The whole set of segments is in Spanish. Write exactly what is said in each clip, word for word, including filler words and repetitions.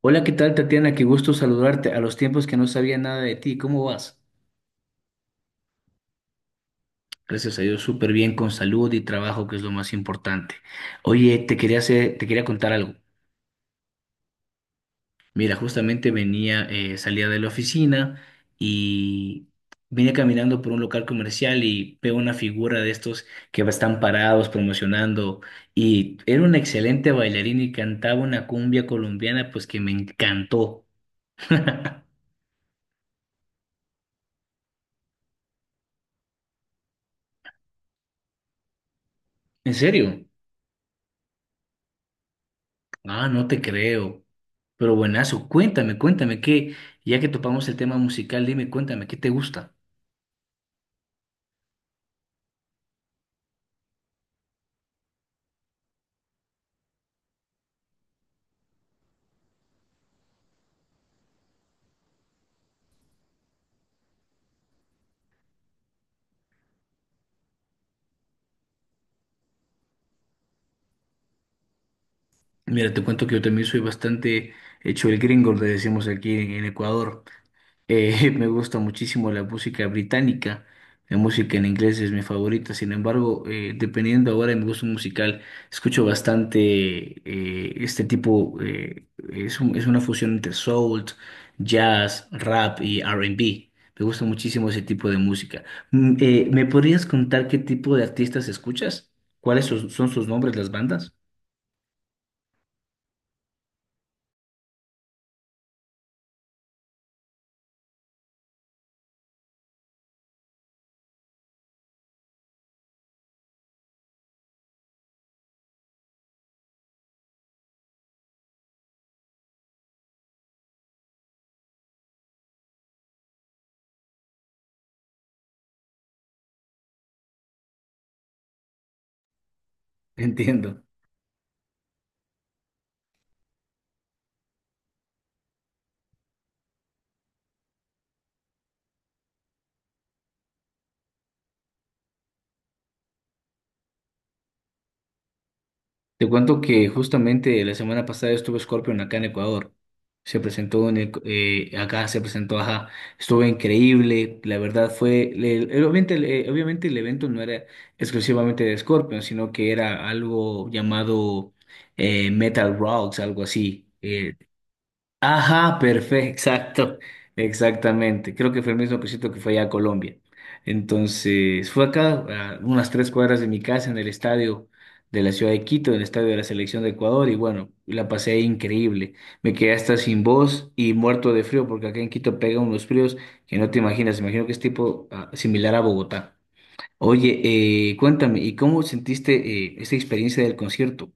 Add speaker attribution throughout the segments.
Speaker 1: Hola, ¿qué tal, Tatiana? Qué gusto saludarte. A los tiempos que no sabía nada de ti, ¿cómo vas? Gracias a Dios, súper bien, con salud y trabajo, que es lo más importante. Oye, te quería hacer, te quería contar algo. Mira, justamente venía, eh, salía de la oficina y vine caminando por un local comercial y veo una figura de estos que están parados promocionando y era una excelente bailarina y cantaba una cumbia colombiana, pues que me encantó. ¿En serio? Ah, no te creo. Pero buenazo, cuéntame, cuéntame que ya que topamos el tema musical, dime, cuéntame, ¿qué te gusta? Mira, te cuento que yo también soy bastante hecho el gringo, le decimos aquí en, en Ecuador. Eh, me gusta muchísimo la música británica. La música en inglés es mi favorita. Sin embargo, eh, dependiendo ahora de mi gusto musical, escucho bastante eh, este tipo. eh, es un- es una fusión entre soul, jazz, rap y R and B. Me gusta muchísimo ese tipo de música. Mm, eh, ¿me podrías contar qué tipo de artistas escuchas? ¿Cuáles sus- son sus nombres, las bandas? Entiendo. Te cuento que justamente la semana pasada estuve Scorpion acá en Ecuador. Se presentó en el- eh, acá, se presentó, ajá, estuvo increíble. La verdad fue, le- el- obviamente, el- eh, obviamente el evento no era exclusivamente de Scorpion, sino que era algo llamado eh, Metal Rocks, algo así. eh, Ajá, perfecto, exacto, exactamente. Creo que fue el mismo cosito que fue allá a Colombia. Entonces, fue acá, a unas tres cuadras de mi casa, en el estadio de la ciudad de Quito, en el estadio de la selección de Ecuador, y bueno, la pasé ahí increíble. Me quedé hasta sin voz y muerto de frío, porque acá en Quito pegan unos fríos que no te imaginas. Imagino que es tipo ah, similar a Bogotá. Oye, eh, cuéntame, ¿y cómo sentiste eh, esta experiencia del concierto?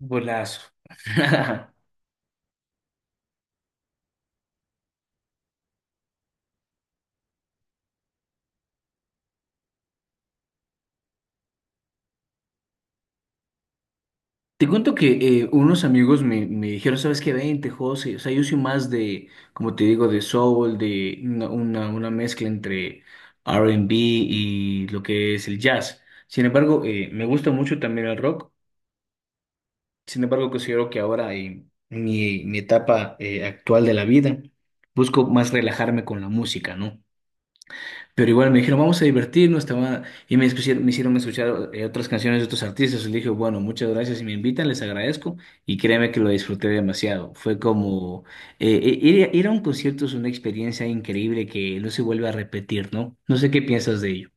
Speaker 1: Golazo. Te cuento que eh, unos amigos me, me dijeron, ¿sabes qué? Vente, José. O sea, yo soy más de, como te digo, de soul, de una, una, una mezcla entre R and B y lo que es el jazz. Sin embargo, eh, me gusta mucho también el rock. Sin embargo, considero que ahora eh, mi, mi etapa eh, actual de la vida busco más relajarme con la música, ¿no? Pero igual me dijeron, vamos a divertirnos, te va- y me, escucharon- me hicieron escuchar eh, otras canciones de otros artistas. Y le dije, bueno, muchas gracias, si me invitan, les agradezco. Y créeme que lo disfruté demasiado. Fue como, eh, eh, ir, a- ir a un concierto es una experiencia increíble que no se vuelve a repetir, ¿no? No sé qué piensas de ello.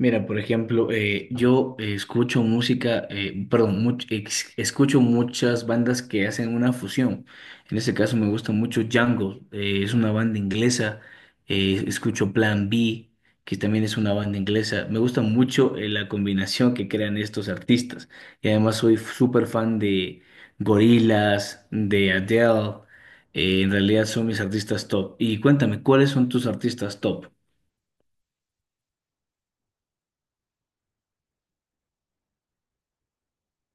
Speaker 1: Mira, por ejemplo, eh, yo eh, escucho música, eh, perdón, much- ex- escucho muchas bandas que hacen una fusión. En este caso me gusta mucho Django, eh, es una banda inglesa. Eh, escucho Plan B, que también es una banda inglesa. Me gusta mucho eh, la combinación que crean estos artistas. Y además soy súper fan de Gorillaz, de Adele. Eh, en realidad son mis artistas top. Y cuéntame, ¿cuáles son tus artistas top?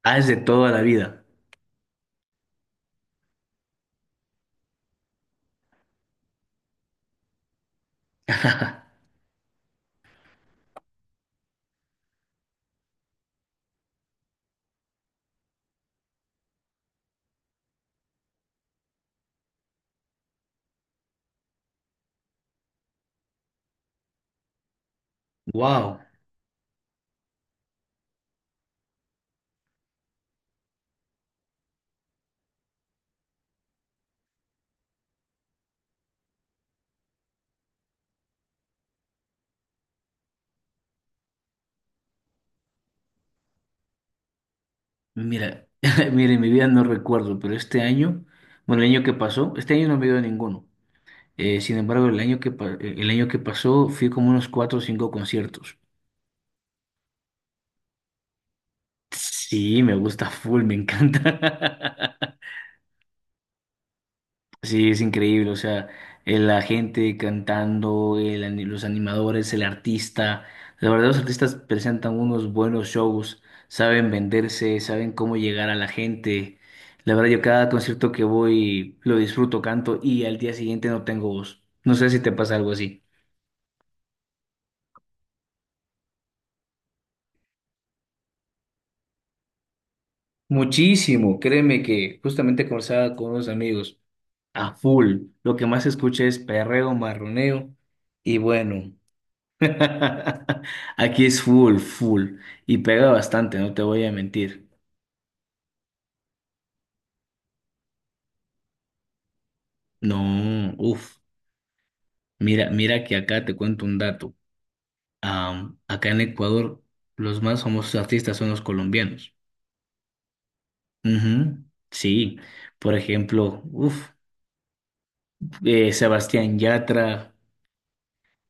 Speaker 1: Ah, es de toda la vida. Wow, mira, mire, en mi vida no recuerdo, pero este año, bueno, el año que pasó, este año no me dio ninguno. Eh, sin embargo, el año que pa- el año que pasó fui como unos cuatro o cinco conciertos. Sí, me gusta full, me encanta. Sí, es increíble, o sea, eh, la gente cantando, el ani- los animadores, el artista, la verdad los artistas presentan unos buenos shows, saben venderse, saben cómo llegar a la gente. La verdad yo cada concierto que voy lo disfruto, canto y al día siguiente no tengo voz. No sé si te pasa algo así. Muchísimo, créeme que justamente conversaba con unos amigos a full. Lo que más se escucha es perreo, marroneo y bueno. Aquí es full, full. Y pega bastante, no te voy a mentir. No, uff. Mira, mira que acá te cuento un dato. Am, acá en Ecuador, los más famosos artistas son los colombianos. Ujú. Sí, por ejemplo, uff, Sebastián Yatra.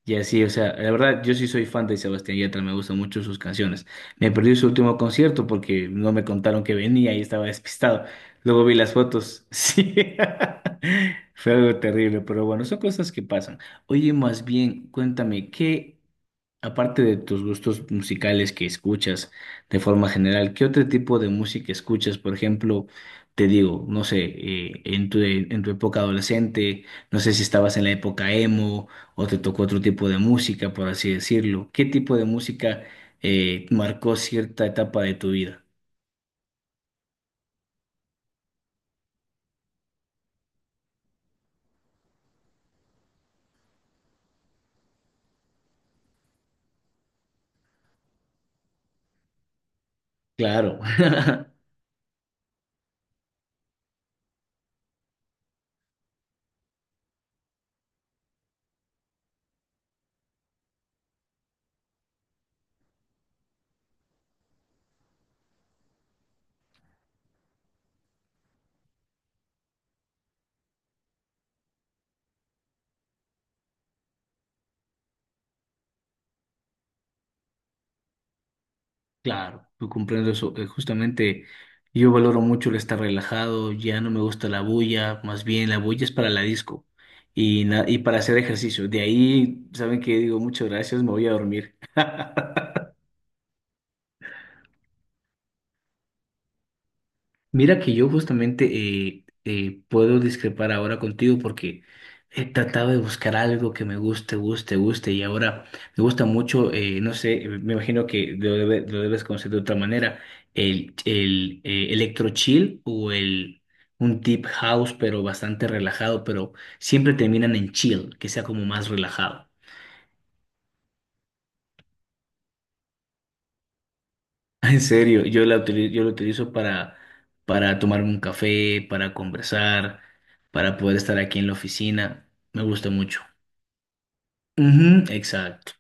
Speaker 1: Y así, o sea, la verdad, yo sí soy fan de Sebastián Yatra, me gustan mucho sus canciones. Me perdí su último concierto porque no me contaron que venía y estaba despistado. Luego vi las fotos, sí. Fue algo terrible, pero bueno, son cosas que pasan. Oye, más bien, cuéntame, ¿qué aparte de tus gustos musicales que escuchas de forma general, ¿qué otro tipo de música escuchas? Por ejemplo, te digo, no sé, eh, en tu, en tu época adolescente, no sé si estabas en la época emo o te tocó otro tipo de música, por así decirlo. ¿Qué tipo de música eh, marcó cierta etapa de tu vida? Claro. Claro, yo comprendo eso. Eh, Justamente yo valoro mucho el estar relajado, ya no me gusta la bulla, más bien la bulla es para la disco y, na- y para hacer ejercicio. De ahí, ¿saben qué? Digo, muchas gracias, me voy a dormir. Mira que yo justamente eh, eh, puedo discrepar ahora contigo porque he tratado de buscar algo que me guste, guste, guste y ahora me gusta mucho, eh, no sé, me imagino que lo, debe- lo debes conocer de otra manera, el, el eh, electro chill o el un deep house pero bastante relajado, pero siempre terminan en chill, que sea como más relajado. Ah, en serio, yo la utili- yo lo utilizo para, para tomarme un café, para conversar, para poder estar aquí en la oficina. Me gusta mucho. Ujú, exacto.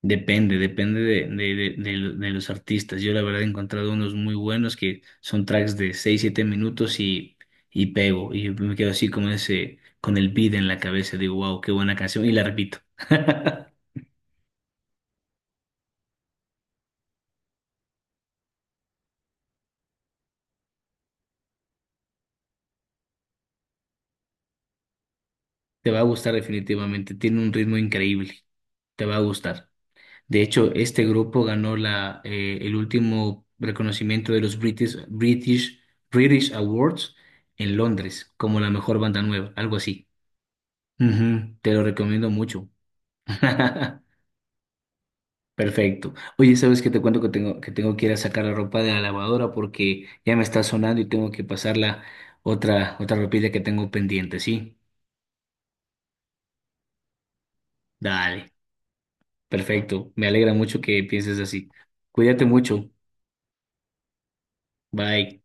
Speaker 1: Depende, depende de, de, de- de lo- de los artistas. Yo la verdad he encontrado unos muy buenos que son tracks de seis siete minutos y, y pego. Y me quedo así como ese, con el beat en la cabeza. Digo, wow, qué buena canción. Y la repito. Te va a gustar definitivamente. Tiene un ritmo increíble. Te va a gustar. De hecho, este grupo ganó la, eh, el último reconocimiento de los British, British, British Awards en Londres como la mejor banda nueva, algo así. Ujú, te lo recomiendo mucho. Perfecto. Oye, ¿sabes qué te cuento que tengo que tengo que ir a sacar la ropa de la lavadora porque ya me está sonando y tengo que pasarla otra otra ropilla que tengo pendiente, ¿sí? Dale. Perfecto. Me alegra mucho que pienses así. Cuídate mucho. Bye.